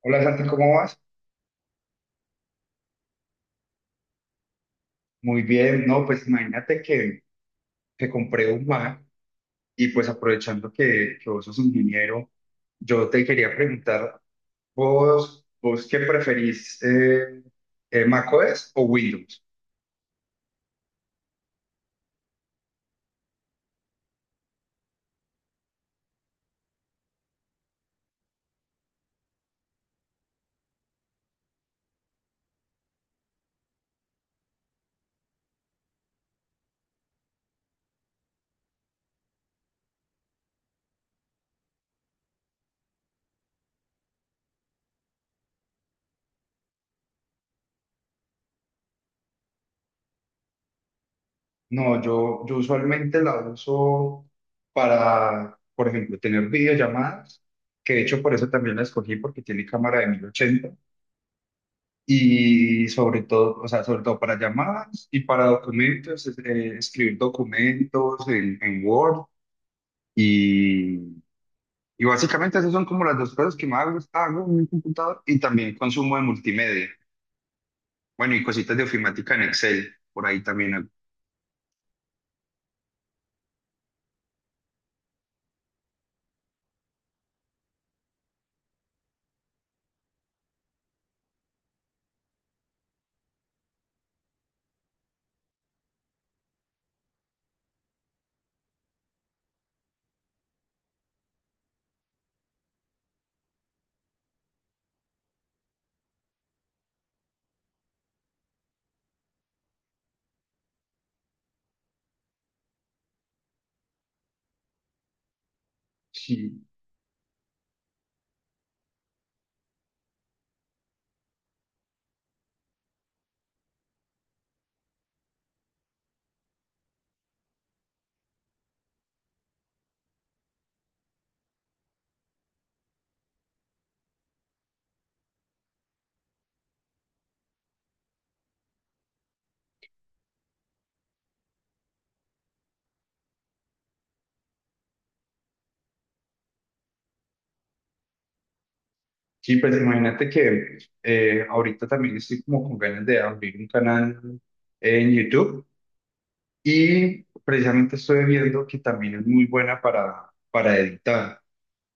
Hola Santi, ¿cómo vas? Muy bien, no, pues imagínate que compré un Mac y pues aprovechando que vos sos ingeniero, yo te quería preguntar, ¿vos qué preferís, macOS o Windows? No, yo usualmente la uso para, por ejemplo, tener videollamadas, que de hecho por eso también la escogí porque tiene cámara de 1080. Y sobre todo, o sea, sobre todo para llamadas y para documentos, escribir documentos en Word. Y, y básicamente esas son como las dos cosas que más hago en mi computador y también consumo de multimedia. Bueno, y cositas de ofimática en Excel, por ahí también hago. Sí, sí, pues imagínate que ahorita también estoy como con ganas de abrir un canal en YouTube y precisamente estoy viendo que también es muy buena para editar.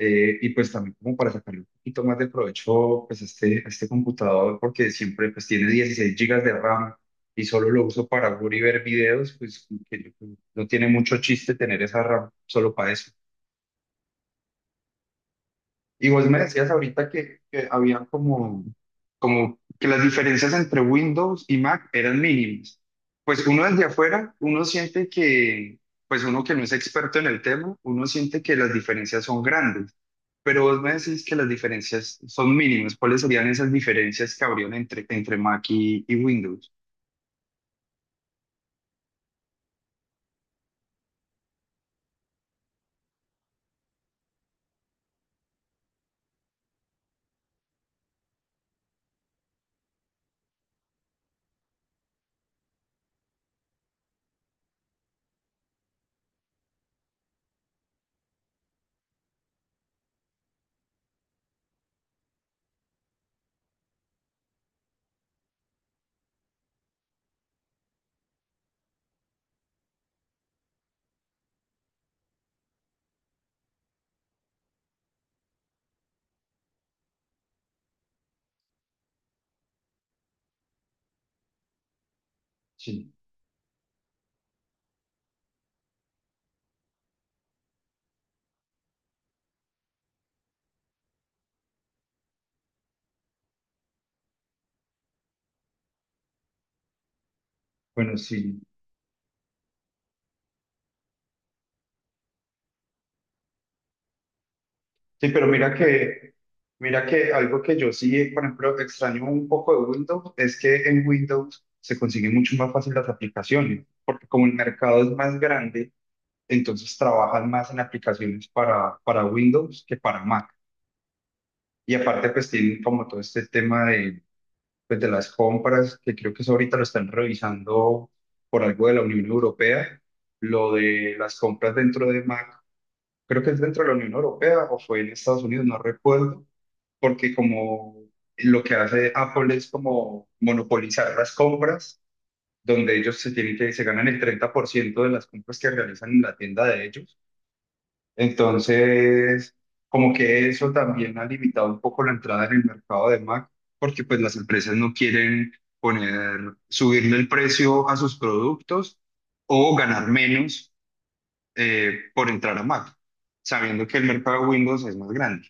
Y pues también como para sacarle un poquito más de provecho pues a este computador porque siempre pues tiene 16 gigas de RAM y solo lo uso para jugar y ver videos, pues como que no tiene mucho chiste tener esa RAM solo para eso. Y vos me decías ahorita que había como que las diferencias entre Windows y Mac eran mínimas. Pues uno desde afuera, uno siente que, pues uno que no es experto en el tema, uno siente que las diferencias son grandes. Pero vos me decís que las diferencias son mínimas. ¿Cuáles serían esas diferencias que habrían entre Mac y Windows? Sí, bueno, sí. Sí, pero mira que algo que yo sí, por ejemplo, extraño un poco de Windows es que en Windows se consiguen mucho más fácil las aplicaciones, porque como el mercado es más grande, entonces trabajan más en aplicaciones para Windows que para Mac. Y aparte, pues tienen como todo este tema de las compras, que creo que eso ahorita lo están revisando por algo de la Unión Europea, lo de las compras dentro de Mac, creo que es dentro de la Unión Europea o fue en Estados Unidos, no recuerdo porque como lo que hace Apple es como monopolizar las compras, donde ellos se tienen que, se ganan el 30% de las compras que realizan en la tienda de ellos. Entonces, como que eso también ha limitado un poco la entrada en el mercado de Mac, porque pues las empresas no quieren poner, subirle el precio a sus productos o ganar menos por entrar a Mac, sabiendo que el mercado de Windows es más grande.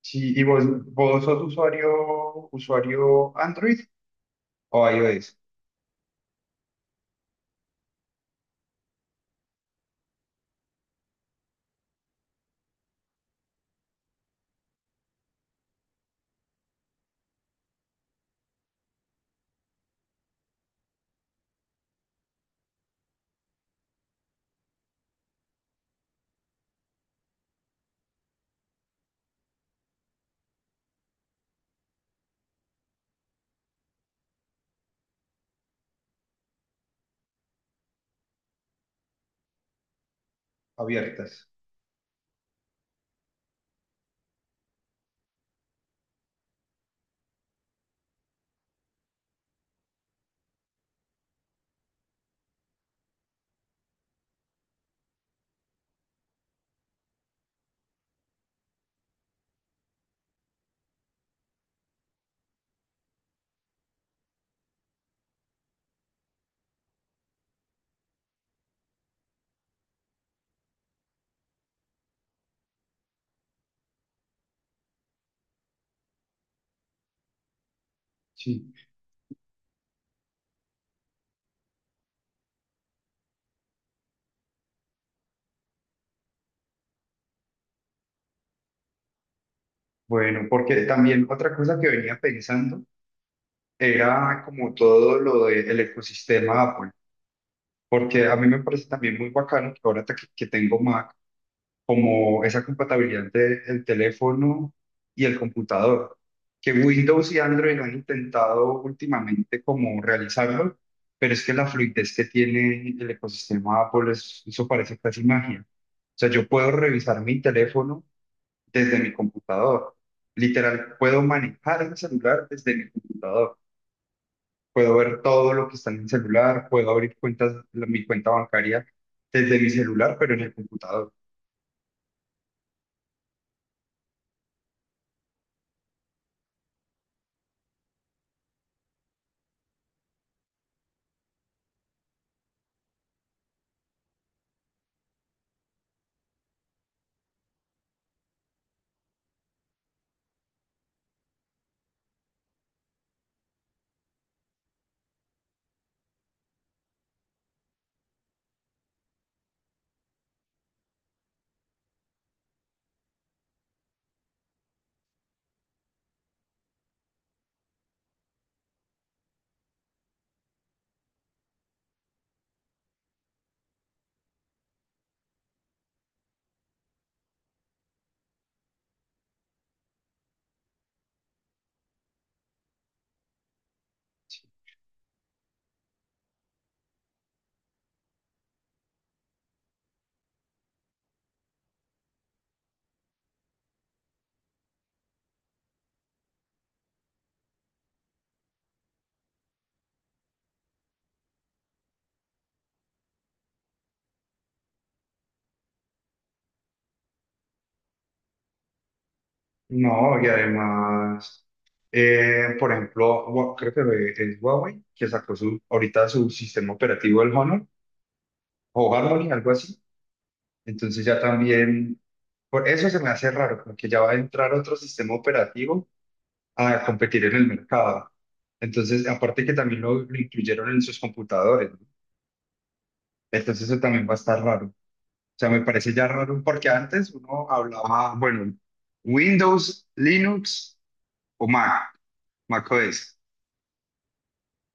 Sí, ¿y vos sos usuario Android o iOS? Abiertas. Sí. Bueno, porque también otra cosa que venía pensando era como todo lo del ecosistema Apple, porque a mí me parece también muy bacano que ahora que tengo Mac. Como esa compatibilidad entre el teléfono y el computador, que Windows y Android han intentado últimamente como realizarlo, pero es que la fluidez que tiene el ecosistema Apple, eso parece casi magia. O sea, yo puedo revisar mi teléfono desde mi computador. Literal, puedo manejar el celular desde mi computador. Puedo ver todo lo que está en el celular, puedo abrir cuentas, mi cuenta bancaria desde mi celular, pero en el computador. No, y además, por ejemplo, creo que es Huawei que sacó su, ahorita su sistema operativo, el Honor o Harmony, algo así. Entonces ya también, por eso se me hace raro, porque ya va a entrar otro sistema operativo a competir en el mercado. Entonces, aparte que también lo incluyeron en sus computadores, ¿no? Entonces eso también va a estar raro. O sea, me parece ya raro porque antes uno hablaba, bueno, Windows, Linux o Mac, Mac OS.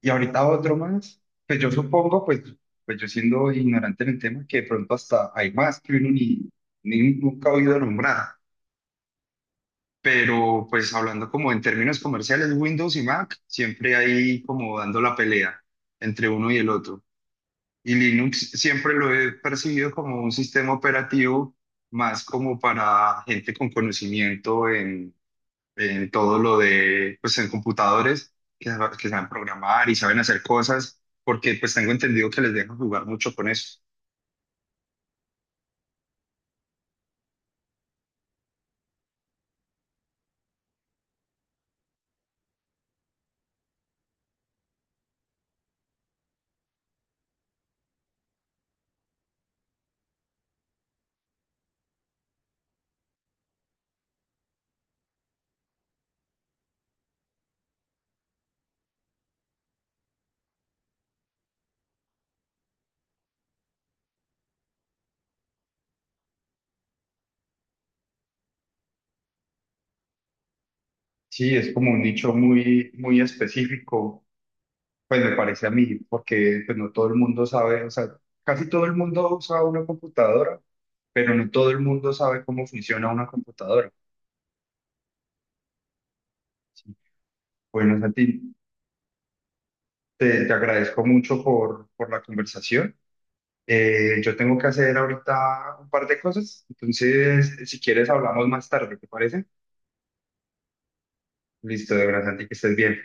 Y ahorita otro más, pues yo supongo, pues, pues yo siendo ignorante en el tema, que de pronto hasta hay más que uno ni nunca ha oído nombrar. Pero pues hablando como en términos comerciales, Windows y Mac siempre hay como dando la pelea entre uno y el otro. Y Linux siempre lo he percibido como un sistema operativo más como para gente con conocimiento en todo lo de, pues en computadores, que, que saben programar y saben hacer cosas, porque pues tengo entendido que les dejan jugar mucho con eso. Sí, es como un nicho muy, muy específico, pues me parece a mí, porque pues no todo el mundo sabe, o sea, casi todo el mundo usa una computadora, pero no todo el mundo sabe cómo funciona una computadora. Sí. Bueno, Santi, te agradezco mucho por la conversación. Yo tengo que hacer ahorita un par de cosas, entonces si quieres hablamos más tarde, ¿te parece? Listo, de verdad, Santi, que estés bien.